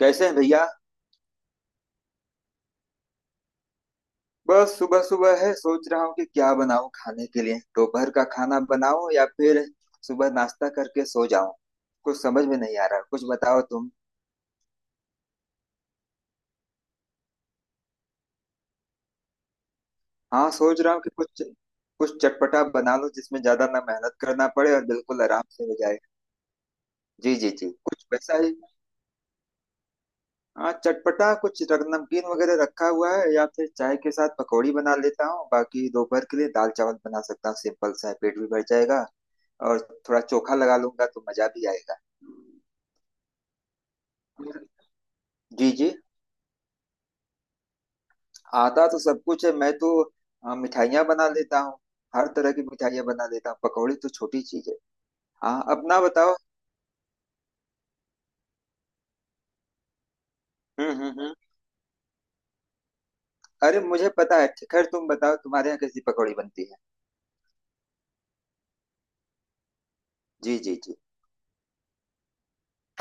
कैसे हैं भैया। बस सुबह सुबह है, सोच रहा हूँ कि क्या बनाऊं खाने के लिए। दोपहर का खाना बनाऊं या फिर सुबह नाश्ता करके सो जाऊं। कुछ समझ में नहीं आ रहा, कुछ बताओ तुम। हाँ, सोच रहा हूँ कि कुछ कुछ चटपटा बना लो जिसमें ज्यादा ना मेहनत करना पड़े और बिल्कुल आराम से हो जाए। जी जी जी, कुछ वैसा ही। हाँ चटपटा, नमकीन वगैरह रखा हुआ है या फिर चाय के साथ पकौड़ी बना लेता हूँ। बाकी दोपहर के लिए दाल चावल बना सकता हूँ, सिंपल सा है, पेट भी भर जाएगा। और थोड़ा चोखा लगा लूंगा तो मजा भी आएगा। जी जी। आता तो सब कुछ है। मिठाइयाँ बना लेता हूँ। हर तरह की मिठाइयाँ बना लेता हूँ, पकौड़े तो छोटी चीज है। हाँ, अपना बताओ। हम्म। अरे मुझे पता है, खैर तुम बताओ तुम्हारे यहाँ कैसी पकौड़ी बनती है। जी जी जी।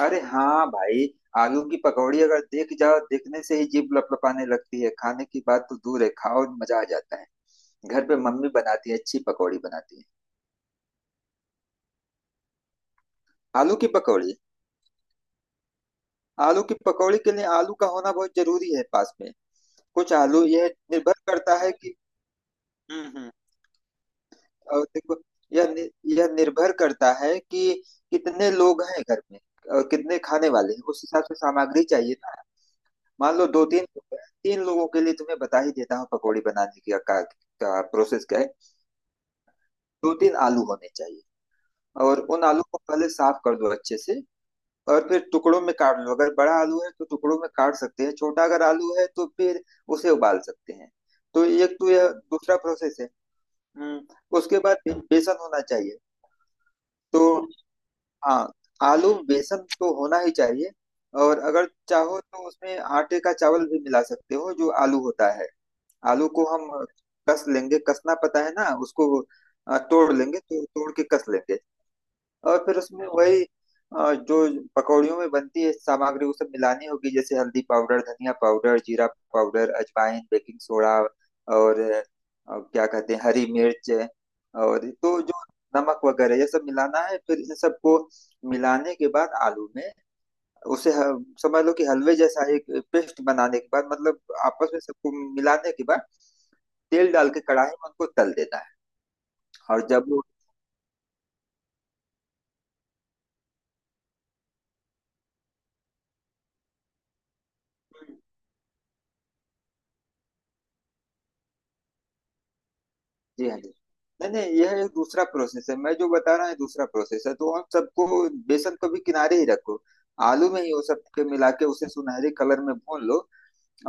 अरे हाँ भाई, आलू की पकौड़ी अगर देख जाओ, देखने से ही जीभ लपलपाने लगती है, खाने की बात तो दूर है। खाओ और मजा आ जाता है। घर पे मम्मी बनाती है, अच्छी पकौड़ी बनाती है। आलू की पकौड़ी। आलू की पकौड़ी के लिए आलू का होना बहुत जरूरी है पास में। कुछ आलू, यह निर्भर करता है कि, हम्म, और देखो, यह नि- यह निर्भर करता है कि कितने लोग हैं घर में और कितने खाने वाले हैं, उस हिसाब से सामग्री चाहिए ना। मान लो दो तीन लोग हैं। तीन लोगों के लिए तुम्हें बता ही देता हूँ पकौड़ी बनाने का प्रोसेस क्या है। दो तीन आलू होने चाहिए, और उन आलू को पहले साफ कर दो अच्छे से, और फिर टुकड़ों में काट लो। अगर बड़ा आलू है तो टुकड़ों में काट सकते हैं, छोटा अगर आलू है तो फिर उसे उबाल सकते हैं। तो एक तो यह दूसरा प्रोसेस है। हम्म। उसके बाद बेसन होना चाहिए। तो हाँ, आलू में बेसन तो होना ही चाहिए। और अगर चाहो तो उसमें आटे का चावल भी मिला सकते हो। जो आलू होता है, आलू को हम कस लेंगे, कसना पता है ना उसको, तोड़ लेंगे, तो तोड़ के कस लेंगे। और फिर उसमें वही जो पकौड़ियों में बनती है सामग्री वो सब मिलानी होगी, जैसे हल्दी पाउडर, धनिया पाउडर, जीरा पाउडर, अजवाइन, बेकिंग सोडा, और क्या कहते हैं, हरी मिर्च और तो जो नमक वगैरह, ये सब मिलाना है। फिर इन सबको मिलाने के बाद आलू में समझ लो कि हलवे जैसा एक पेस्ट बनाने के बाद, मतलब आपस में सबको मिलाने के बाद तेल डाल के कढ़ाई में उनको तल देना है। और जब वो, जी हाँ जी, नहीं नहीं, यह एक दूसरा प्रोसेस है। मैं जो बता रहा है दूसरा प्रोसेस है तो आप सबको बेसन को भी किनारे ही रखो। आलू में ही वो सब के मिला के उसे सुनहरे कलर में भून लो।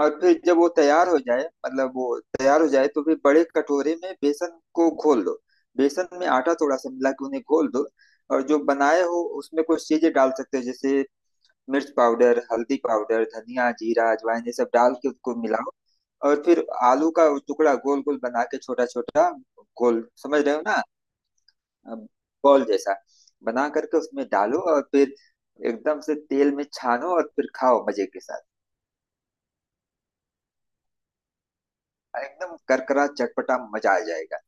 और फिर जब वो तैयार हो जाए, मतलब वो तैयार हो जाए, तो फिर बड़े कटोरे में बेसन को घोल लो। बेसन में आटा थोड़ा सा मिला के उन्हें घोल दो। और जो बनाए हो उसमें कुछ चीजें डाल सकते हो, जैसे मिर्च पाउडर, हल्दी पाउडर, धनिया, जीरा, अजवाइन, ये सब डाल के उसको मिलाओ। और फिर आलू का वो टुकड़ा गोल गोल बना के, छोटा छोटा गोल, समझ रहे हो ना, बॉल जैसा बना करके उसमें डालो। और फिर एकदम से तेल में छानो और फिर खाओ मजे के साथ। एकदम करकरा चटपटा, मजा आ जाएगा।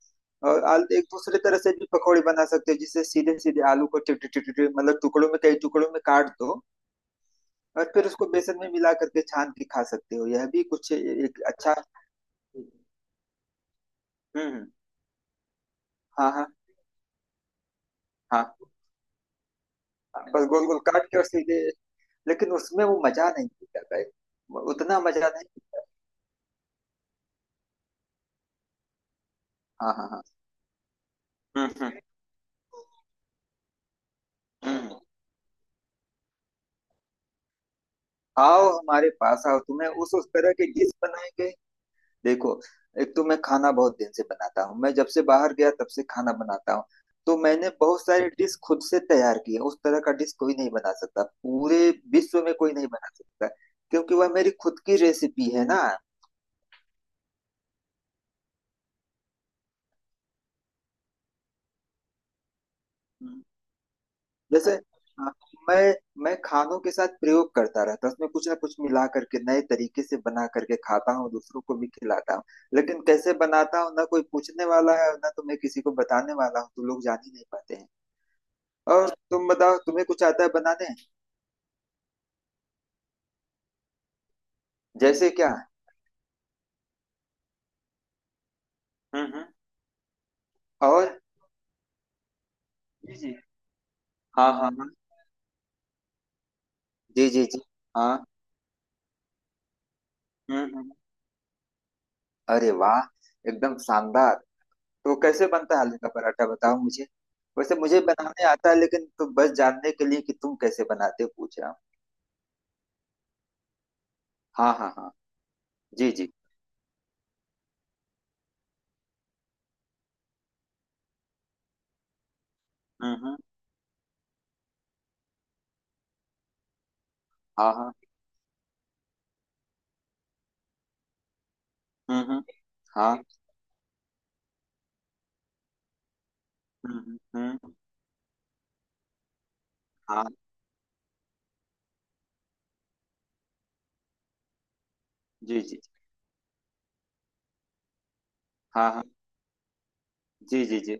और आलू एक दूसरे तरह से भी पकौड़े बना सकते हो, जिससे सीधे सीधे आलू को टिट टिट टिट मतलब टुकड़ों में, कई टुकड़ों में काट दो। और फिर उसको बेसन में मिला करके छान के खा सकते हो। यह भी कुछ एक अच्छा। हम्म। हाँ हाँ हाँ। हाँ, बस गोल गोल काट के, और सीधे, लेकिन उसमें वो मजा नहीं दिखता भाई। वो उतना मजा नहीं दिखता। हाँ हाँ हाँ। हम्म हम्म हम्म। आओ हमारे पास आओ, तुम्हें उस तरह की डिश बनाएंगे। देखो, एक तो मैं खाना बहुत दिन से बनाता हूँ, मैं जब से बाहर गया तब से खाना बनाता हूँ। तो मैंने बहुत सारी डिश खुद से तैयार की है। उस तरह का डिश कोई नहीं बना सकता, पूरे विश्व में कोई नहीं बना सकता, क्योंकि वह मेरी खुद की रेसिपी है ना। जैसे, अ, मैं मैं खानों के साथ प्रयोग करता रहता हूँ, उसमें कुछ ना कुछ मिला करके नए तरीके से बना करके खाता हूँ, दूसरों को भी खिलाता हूँ। लेकिन कैसे बनाता हूँ ना कोई पूछने वाला है ना तो मैं किसी को बताने वाला हूँ, तो लोग जान ही नहीं पाते हैं। और तुम बताओ, तुम्हें कुछ आता है बनाने? जैसे क्या? हम्म। और, जी जी। हाँ हाँ हाँ। जी जी जी। हाँ। हम्म। अरे वाह, एकदम शानदार। तो कैसे बनता है आलू का पराठा, बताओ मुझे। वैसे मुझे बनाने आता है, लेकिन तो बस जानने के लिए कि तुम कैसे बनाते हो पूछ रहा हूँ। हाँ हाँ हाँ। जी जी। हम्म। हाँ हाँ। हम्म। हाँ। हम्म। हाँ। जी जी। हाँ हाँ। जी जी जी।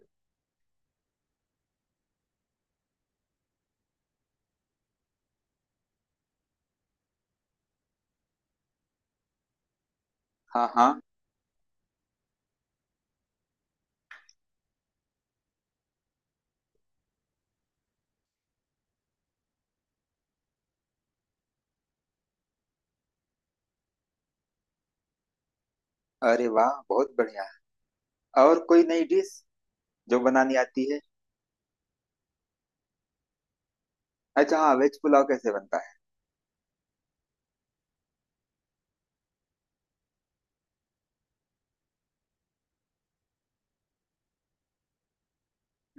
हाँ हाँ। अरे वाह बहुत बढ़िया। और कोई नई डिश जो बनानी आती है? अच्छा हाँ, वेज पुलाव कैसे बनता है?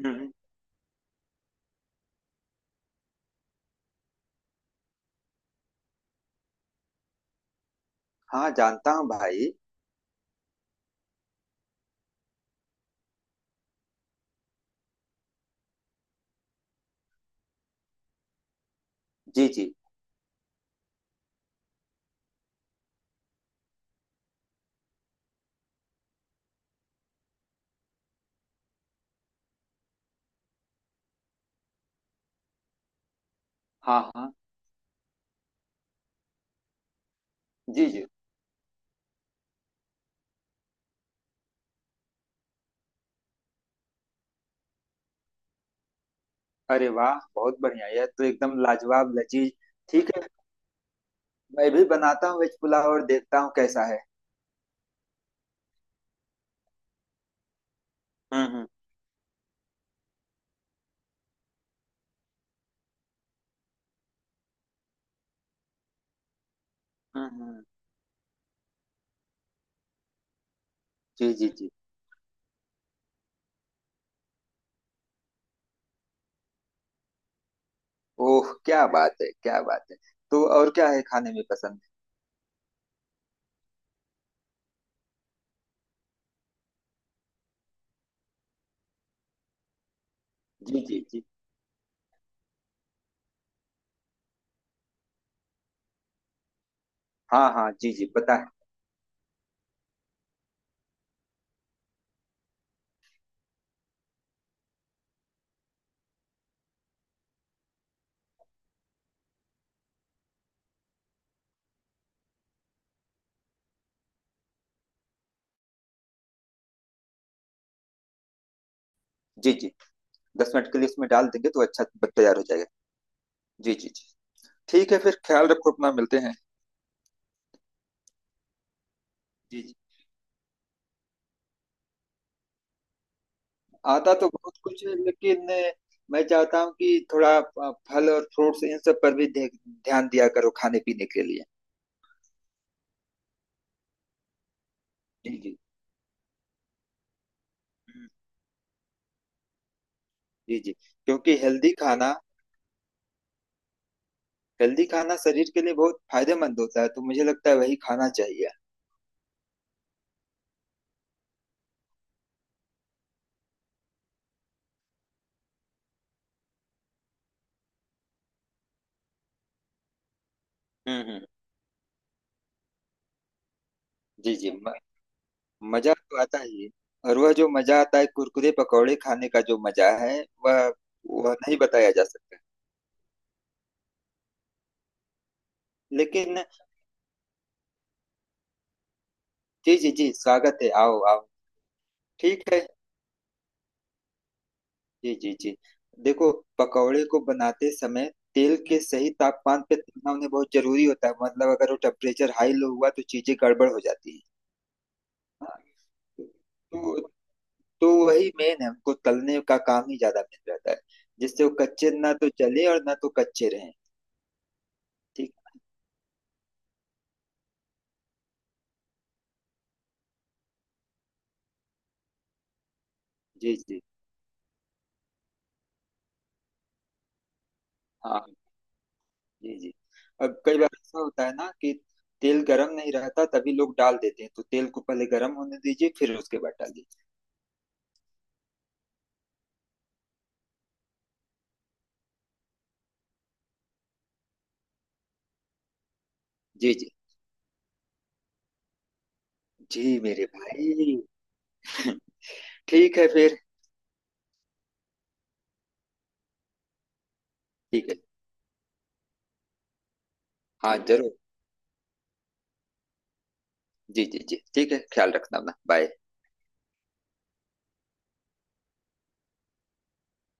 हम्म। हाँ जानता हूँ भाई। जी जी। हाँ हाँ। जी जी। अरे वाह बहुत बढ़िया, यह तो एकदम लाजवाब लजीज। ठीक है, मैं भी बनाता हूँ वेज पुलाव और देखता हूँ कैसा है। हम्म। हम्म हम्म। जी जी जी। ओह क्या बात है, क्या बात है। तो और क्या है खाने में पसंद? जी जी जी। हाँ हाँ जी जी, पता है। जी जी। 10 मिनट के लिए इसमें डाल देंगे तो अच्छा तैयार हो जाएगा। जी जी जी। ठीक है फिर, ख्याल रखो अपना, मिलते हैं। जी जी। आता तो बहुत कुछ है, लेकिन मैं चाहता हूँ कि थोड़ा फल और फ्रूट्स इन सब पर भी ध्यान दिया करो खाने पीने के लिए। जी जी। हम्म। जी जी। क्योंकि हेल्दी खाना, हेल्दी खाना शरीर के लिए बहुत फायदेमंद होता है, तो मुझे लगता है वही खाना चाहिए। हम्म। जी जी म, मजा तो आता ही है। और वह जो मजा आता है कुरकुरे पकौड़े खाने का जो मजा है, वह वह नहीं बताया जा सकता। लेकिन, जी जी जी, स्वागत है, आओ आओ। ठीक है। जी जी जी। देखो, पकौड़े को बनाते समय तेल के सही तापमान पे तलना उन्हें बहुत जरूरी होता है। मतलब अगर वो टेम्परेचर हाई लो हुआ तो चीजें गड़बड़ हो जाती है। हाँ, तो तो वही मेन है, हमको तलने का काम ही ज्यादा मेन रहता है, जिससे वो कच्चे ना तो जले और ना तो कच्चे रहें। ठीक है? जी जी। हाँ। जी जी। अब कई बार ऐसा होता है ना कि तेल गरम नहीं रहता, तभी लोग डाल देते हैं। तो तेल को पहले गरम होने दीजिए फिर उसके बाद डालिए। जी जी। जी मेरे भाई। ठीक है फिर। ठीक है। हाँ जरूर। जी जी जी, ठीक है, ख्याल रखना अपना, बाय।